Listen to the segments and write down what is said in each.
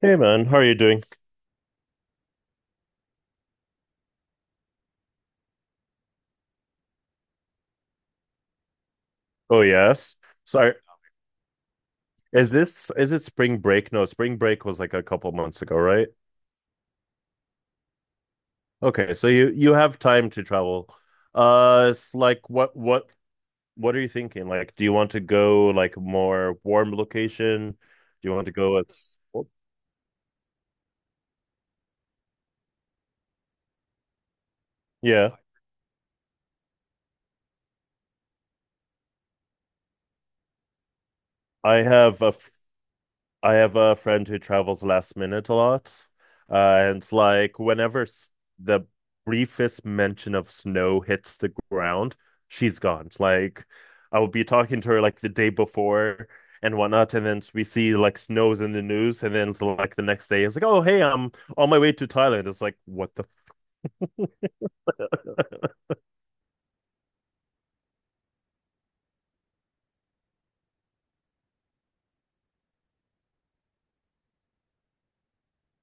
Hey man, how are you doing? Oh yes. Sorry. Is it spring break? No, spring break was like a couple months ago, right? Okay, so you have time to travel. It's like what are you thinking? Like, do you want to go like more warm location? Do you want to Yeah, I have a I have a friend who travels last minute a lot. Uh, and it's like the briefest mention of snow hits the ground, she's gone. It's like I will be talking to her like the day before and whatnot, and then we see like snows in the news, and then it's like the next day it's like, oh hey, I'm on my way to Thailand. It's like what the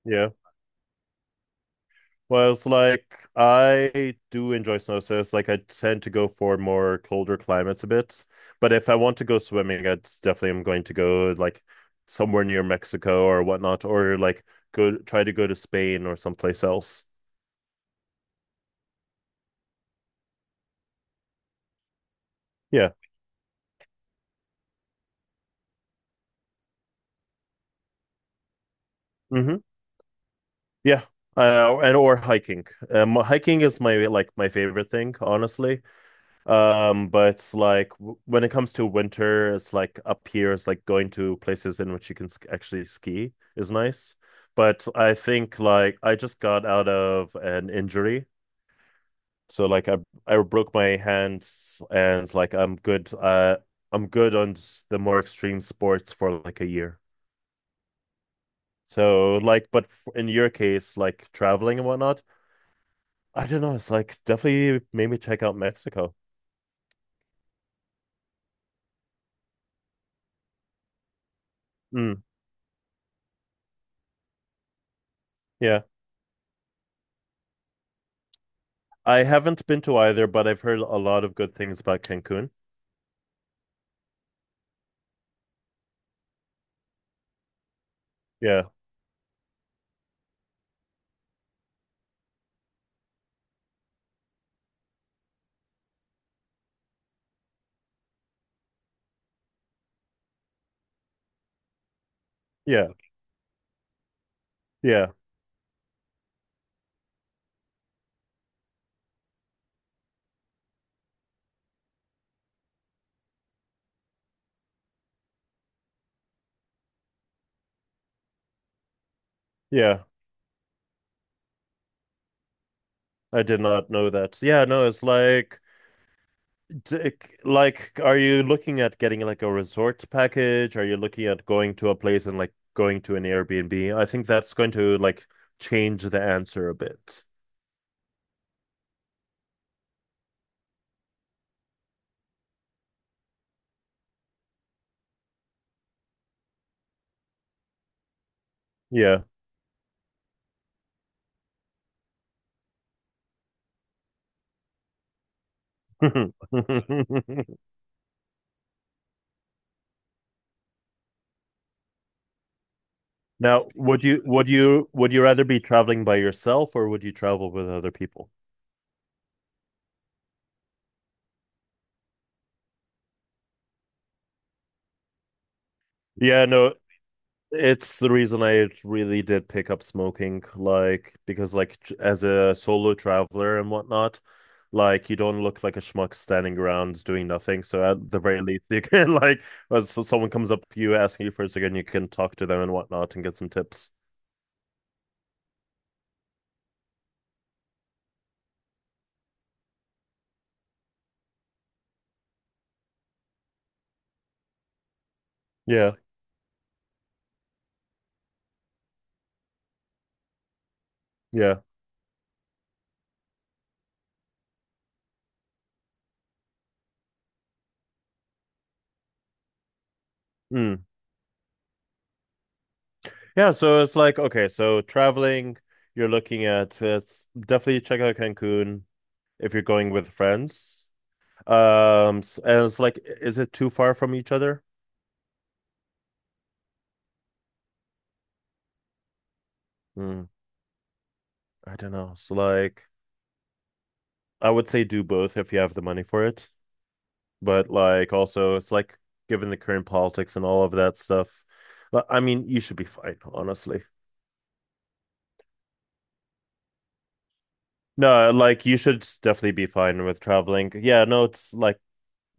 yeah. Well, it's like I do enjoy snow, so it's like I tend to go for more colder climates a bit. But if I want to go swimming, I definitely am going to go like somewhere near Mexico or whatnot, or like go try to go to Spain or someplace else. Yeah. Hmm, yeah. And or hiking. Hiking is my favorite thing, honestly. But like when it comes to winter, it's like up here, it's like going to places in which you can sk actually ski is nice. But I think like I just got out of an injury, so like I broke my hands and like I'm good. I'm good on the more extreme sports for like a year. So like, but f in your case, like traveling and whatnot, I don't know. It's like definitely made me check out Mexico. Mm, yeah. I haven't been to either, but I've heard a lot of good things about Cancun. Yeah, yeah, yeah, yeah. I did not know that. So, yeah, no, it's like, d- like, are you looking at getting like a resort package? Are you looking at going to a place and like going to an Airbnb? I think that's going to like change the answer a bit. Yeah. Now, would you rather be traveling by yourself or would you travel with other people? Yeah, no, it's the reason I really did pick up smoking, like because like as a solo traveler and whatnot, like you don't look like a schmuck standing around doing nothing. So at the very least, you can like when someone comes up to you asking you for a second, you can talk to them and whatnot and get some tips. Yeah, yeah, mm, yeah. So it's like okay, so traveling, you're looking at it's definitely check out Cancun if you're going with friends. And it's like, is it too far from each other? Hmm. I don't know. It's like I would say do both if you have the money for it, but like also it's like given the current politics and all of that stuff. I mean, you should be fine, honestly. No, like you should definitely be fine with traveling. Yeah, no, it's like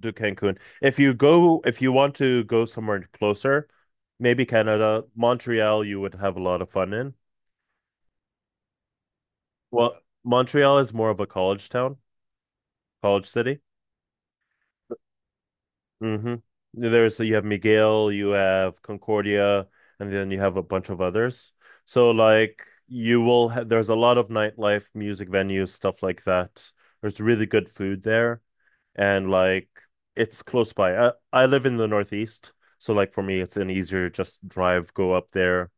do Cancun. If you go, if you want to go somewhere closer, maybe Canada, Montreal, you would have a lot of fun in. Well, Montreal is more of a college town, college city. Hmm. There's you have Miguel, you have Concordia, and then you have a bunch of others. So like you will ha there's a lot of nightlife, music venues, stuff like that. There's really good food there, and like it's close by. I live in the Northeast, so like for me, it's an easier just drive, go up there,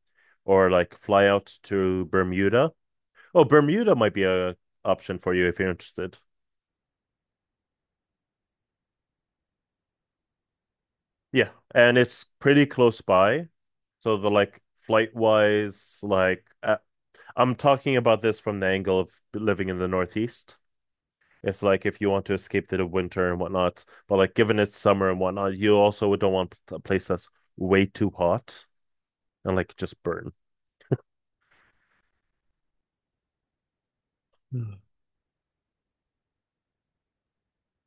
or like fly out to Bermuda. Oh, Bermuda might be a option for you if you're interested. Yeah, and it's pretty close by. So the like flight wise, like I'm talking about this from the angle of living in the Northeast. It's like if you want to escape the winter and whatnot, but like given it's summer and whatnot, you also don't want a place that's way too hot and like just burn. Hmm.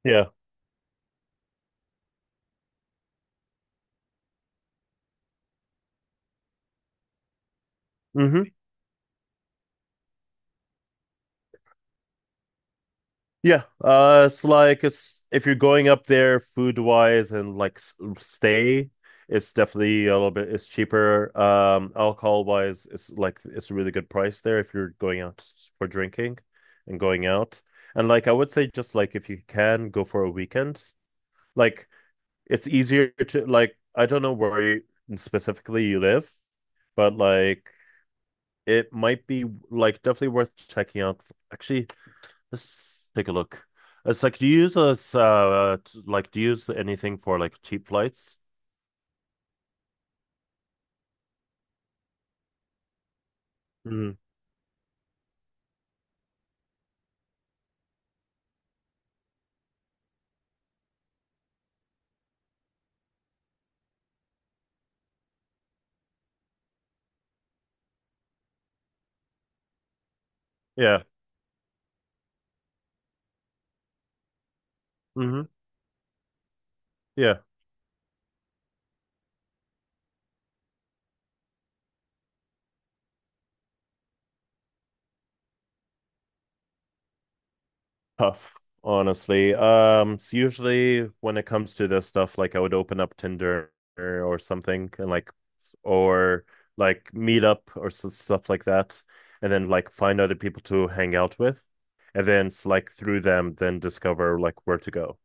Yeah. Hmm, yeah, it's like it's if you're going up there food wise and like stay, it's definitely a little bit it's cheaper. Alcohol wise, it's like it's a really good price there if you're going out for drinking and going out. And like I would say, just like if you can go for a weekend, like it's easier to like I don't know where you, specifically you live, but like it might be like definitely worth checking out. Actually. Let's take a look. It's like, do you use this, like, do you use anything for like cheap flights? Mm. Yeah. Hmm, yeah. Tough, honestly. So usually when it comes to this stuff, like I would open up Tinder or something and like, or like meet up or s stuff like that, and then like find other people to hang out with, and then it's like through them, then discover like where to go.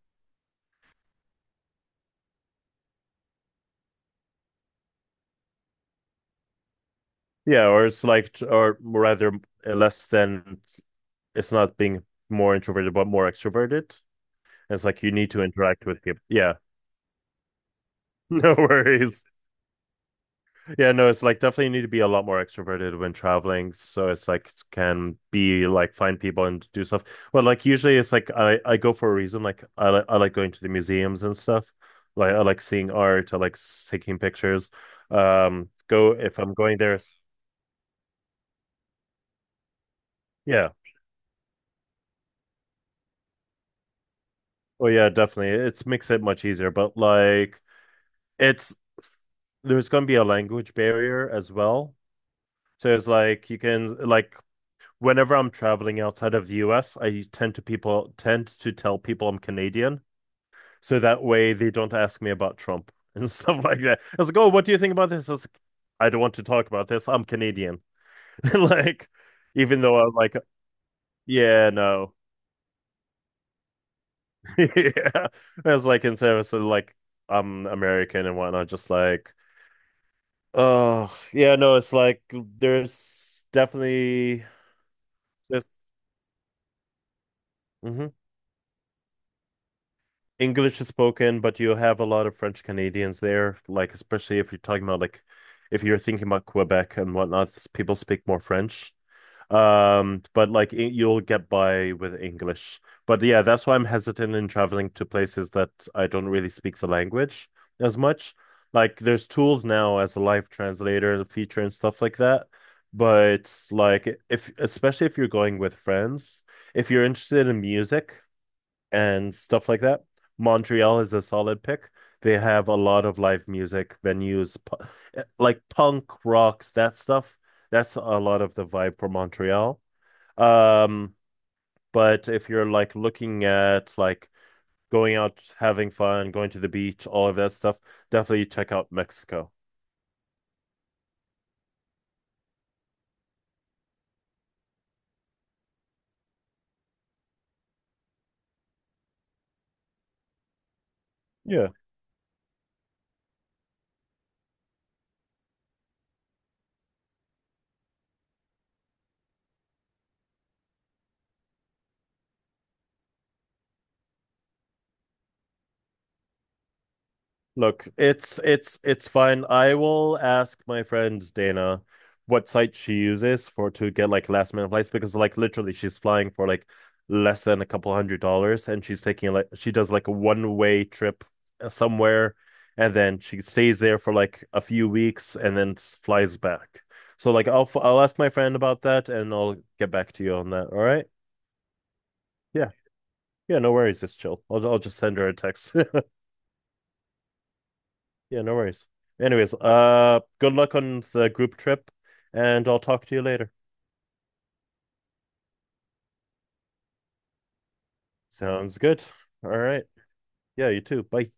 Yeah, or it's like, or rather, less than it's not being more introverted but more extroverted. It's like you need to interact with people. Yeah, no worries. Yeah, no, it's like definitely need to be a lot more extroverted when traveling. So it's like can be like find people and do stuff. But like usually it's like I go for a reason. Like I I like going to the museums and stuff. Like I like seeing art. I like taking pictures. Go if I'm going there. It's- Yeah. Oh yeah, definitely. It's makes it much easier. But like it's there's going to be a language barrier as well. So it's like you can like whenever I'm traveling outside of the US, I tend to people tend to tell people I'm Canadian, so that way they don't ask me about Trump and stuff like that. I was like, oh, what do you think about this? I was like, I don't want to talk about this. I'm Canadian. Like, even though I'm like, yeah, no, yeah. I was like in service of like I'm American and whatnot, just like, oh yeah, no, it's like there's definitely this. English is spoken, but you have a lot of French Canadians there, like especially if you're talking about like if you're thinking about Quebec and whatnot, people speak more French. But like you'll get by with English. But yeah, that's why I'm hesitant in traveling to places that I don't really speak the language as much. Like there's tools now as a live translator, feature and stuff like that. But like if especially if you're going with friends, if you're interested in music and stuff like that. Montreal is a solid pick. They have a lot of live music venues, like punk rocks, that stuff. That's a lot of the vibe for Montreal. Um, but if you're like looking at like going out, having fun, going to the beach, all of that stuff, definitely check out Mexico. Yeah, look, it's fine. I will ask my friend Dana what site she uses for to get like last minute flights because like literally she's flying for like less than a couple $100s and she's taking like she does like a one way trip somewhere and then she stays there for like a few weeks and then flies back. So like I'll I'll ask my friend about that and I'll get back to you on that. All right? Yeah. Yeah, no worries. Just chill. I'll just send her a text. Yeah, no worries. Anyways, good luck on the group trip, and I'll talk to you later. Sounds good. All right. Yeah, you too. Bye.